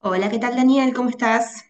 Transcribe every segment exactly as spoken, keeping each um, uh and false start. Hola, ¿qué tal Daniel? ¿Cómo estás?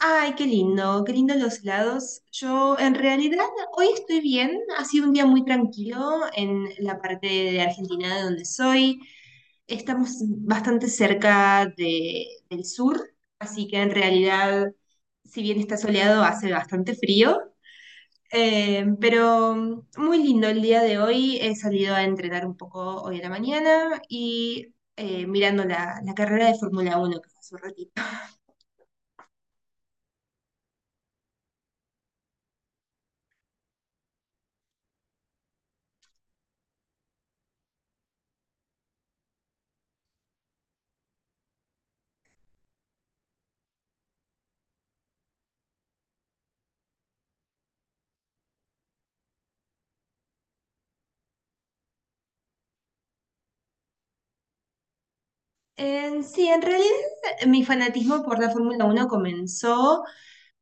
Ay, qué lindo, qué lindo los helados. Yo en realidad hoy estoy bien, ha sido un día muy tranquilo en la parte de Argentina de donde soy. Estamos bastante cerca de- del sur, así que en realidad, si bien está soleado, hace bastante frío. Eh, pero muy lindo el día de hoy. He salido a entrenar un poco hoy a la mañana y eh, mirando la, la carrera de Fórmula Uno que fue hace un ratito. Eh, sí, en realidad mi fanatismo por la Fórmula Uno comenzó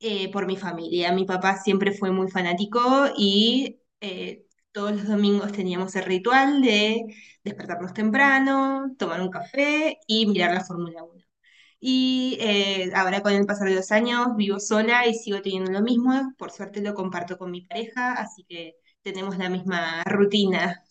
eh, por mi familia. Mi papá siempre fue muy fanático y eh, todos los domingos teníamos el ritual de despertarnos temprano, tomar un café y mirar la Fórmula Uno. Y eh, ahora con el pasar de los años vivo sola y sigo teniendo lo mismo. Por suerte lo comparto con mi pareja, así que tenemos la misma rutina.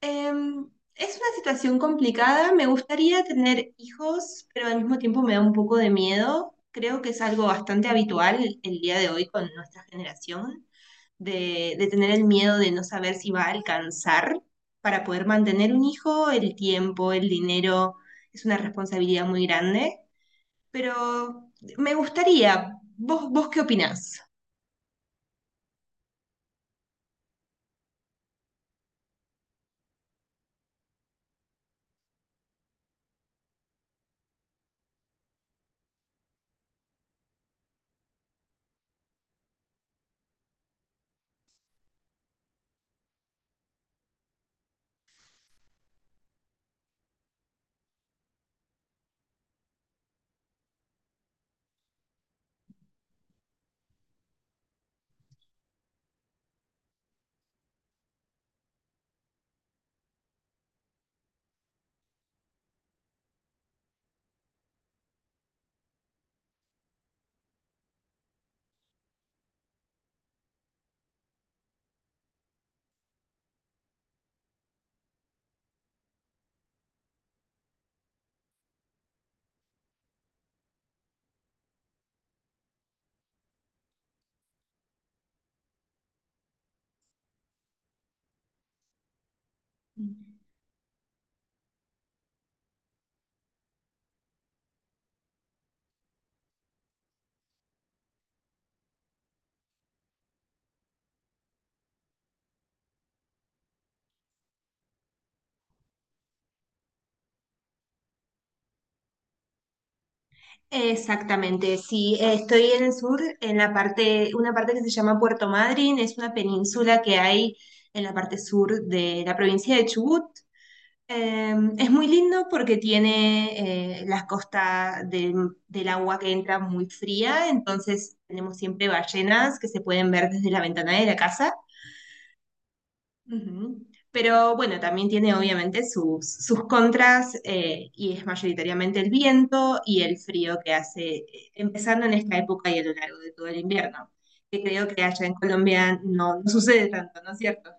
Em, es una situación complicada. Me gustaría tener hijos, pero al mismo tiempo me da un poco de miedo. Creo que es algo bastante habitual el día de hoy con nuestra generación, de, de tener el miedo de no saber si va a alcanzar para poder mantener un hijo, el tiempo, el dinero. Es una responsabilidad muy grande, pero me gustaría. ¿Vos, vos qué opinás? Exactamente, sí, eh, estoy en el sur, en la parte, una parte que se llama Puerto Madryn, es una península que hay en la parte sur de la provincia de Chubut. Eh, es muy lindo porque tiene eh, las costas del del agua que entra muy fría, entonces tenemos siempre ballenas que se pueden ver desde la ventana de la casa. Ujú. Pero bueno, también tiene obviamente sus, sus contras eh, y es mayoritariamente el viento y el frío que hace, eh, empezando en esta época y a lo largo de todo el invierno, que creo que allá en Colombia no, no sucede tanto, ¿no es cierto?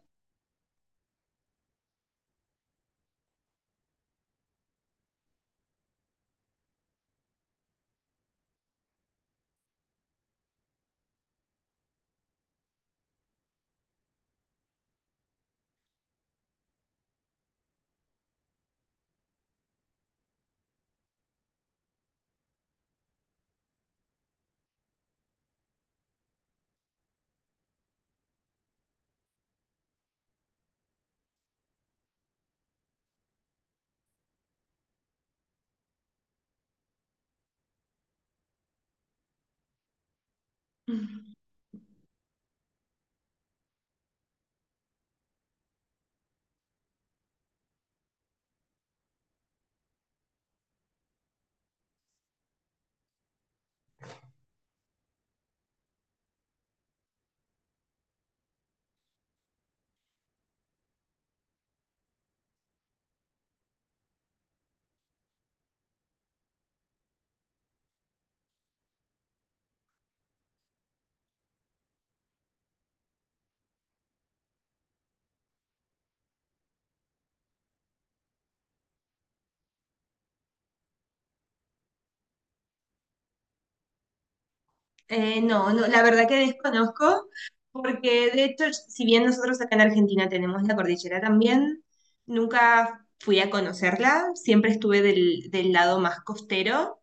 Eh, no, no, la verdad que desconozco, porque de hecho, si bien nosotros acá en Argentina tenemos la cordillera también, nunca fui a conocerla, siempre estuve del, del lado más costero.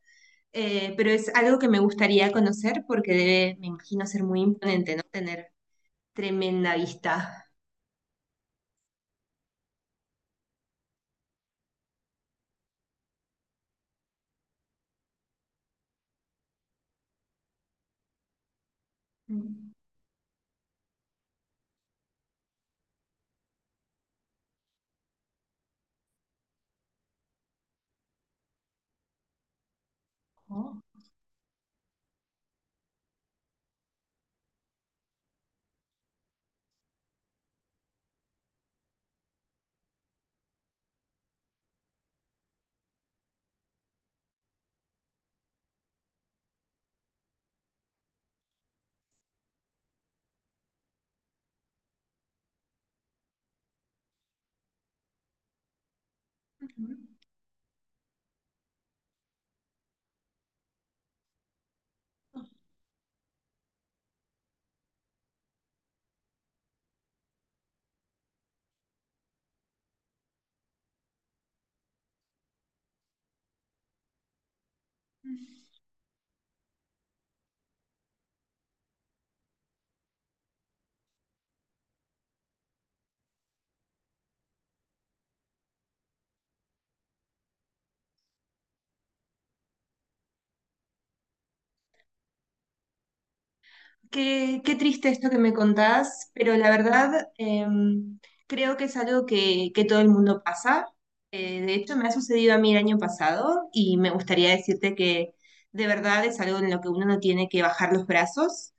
Eh, pero es algo que me gustaría conocer porque debe, me imagino, ser muy imponente, ¿no? Tener tremenda vista. Mm. Oh. Ujú. Qué, qué triste esto que me contás, pero la verdad em, creo que es algo que, que todo el mundo pasa. Eh, de hecho, me ha sucedido a mí el año pasado y me gustaría decirte que de verdad es algo en lo que uno no tiene que bajar los brazos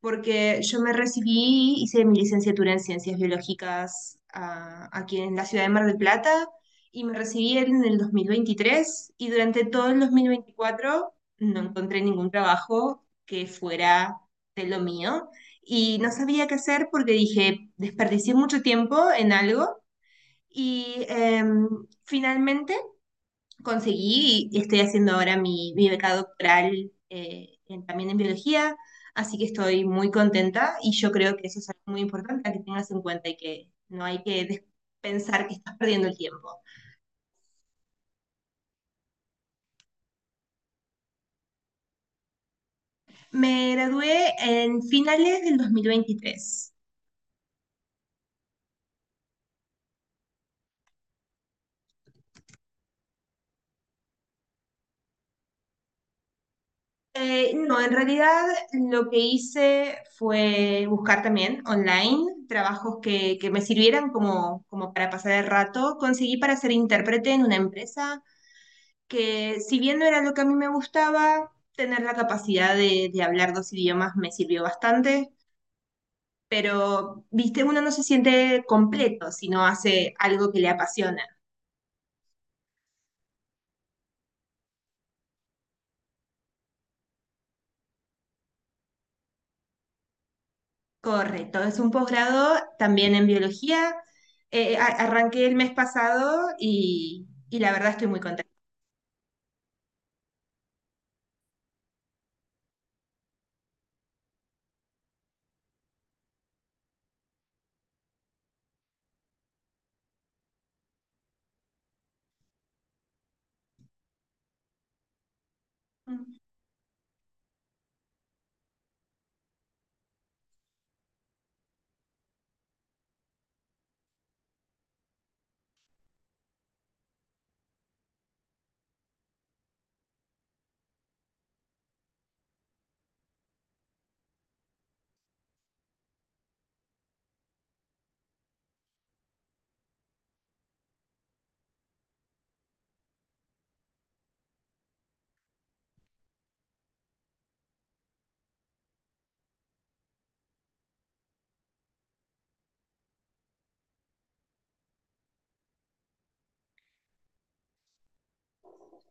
porque yo me recibí, hice mi licenciatura en Ciencias Biológicas, ah, aquí en la ciudad de Mar del Plata y me recibí en el dos mil veintitrés y durante todo el dos mil veinticuatro no encontré ningún trabajo que fuera de lo mío y no sabía qué hacer porque dije, desperdicié mucho tiempo en algo y em, finalmente conseguí y estoy haciendo ahora mi, mi beca doctoral eh, en- también en biología, así que estoy muy contenta y yo creo que eso es algo muy importante a que tengas en cuenta y que no hay que des- pensar que estás perdiendo el tiempo. Me gradué en finales del dos mil veintitrés. Eh, no, en realidad lo que hice fue buscar también online trabajos que, que me sirvieran como, como para pasar el rato. Conseguí para ser intérprete en una empresa que si bien no era lo que a mí me gustaba, tener la capacidad de, de hablar dos idiomas me sirvió bastante, pero, viste, uno no se siente completo si no hace algo que le apasiona. Correcto, es un posgrado también en biología. Eh, eh, a- arranqué el mes pasado y, y la verdad estoy muy contenta.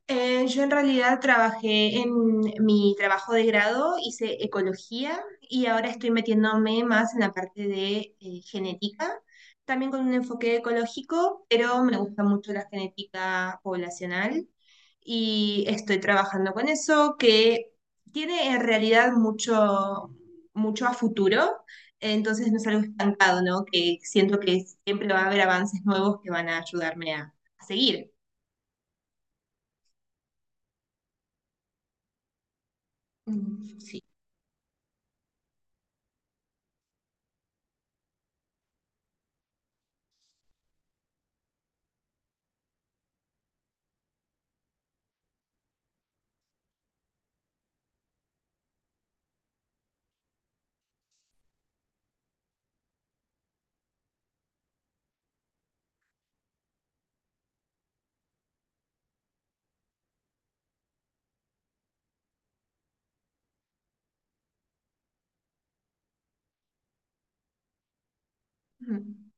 Eh, yo en realidad trabajé en mi trabajo de grado, hice ecología y ahora estoy metiéndome más en la parte de eh, genética, también con un enfoque ecológico, pero me gusta mucho la genética poblacional y estoy trabajando con eso que tiene en realidad mucho, mucho a futuro, entonces no es algo estancado, ¿no? Que siento que siempre va a haber avances nuevos que van a ayudarme a, a seguir. Mm, sí. Mm.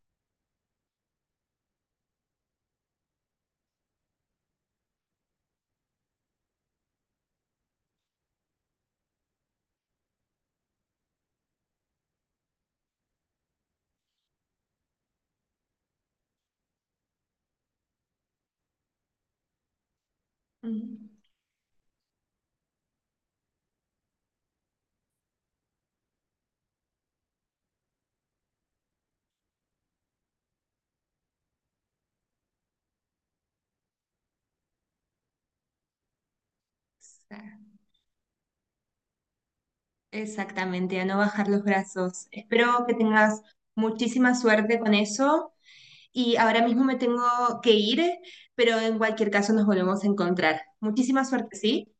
Mm, exa- exactamente, a no bajar los brazos. Espero que tengas muchísima suerte con eso y ahora mismo me tengo que ir, pero en cualquier caso nos volvemos a encontrar. Muchísima suerte, ¿sí?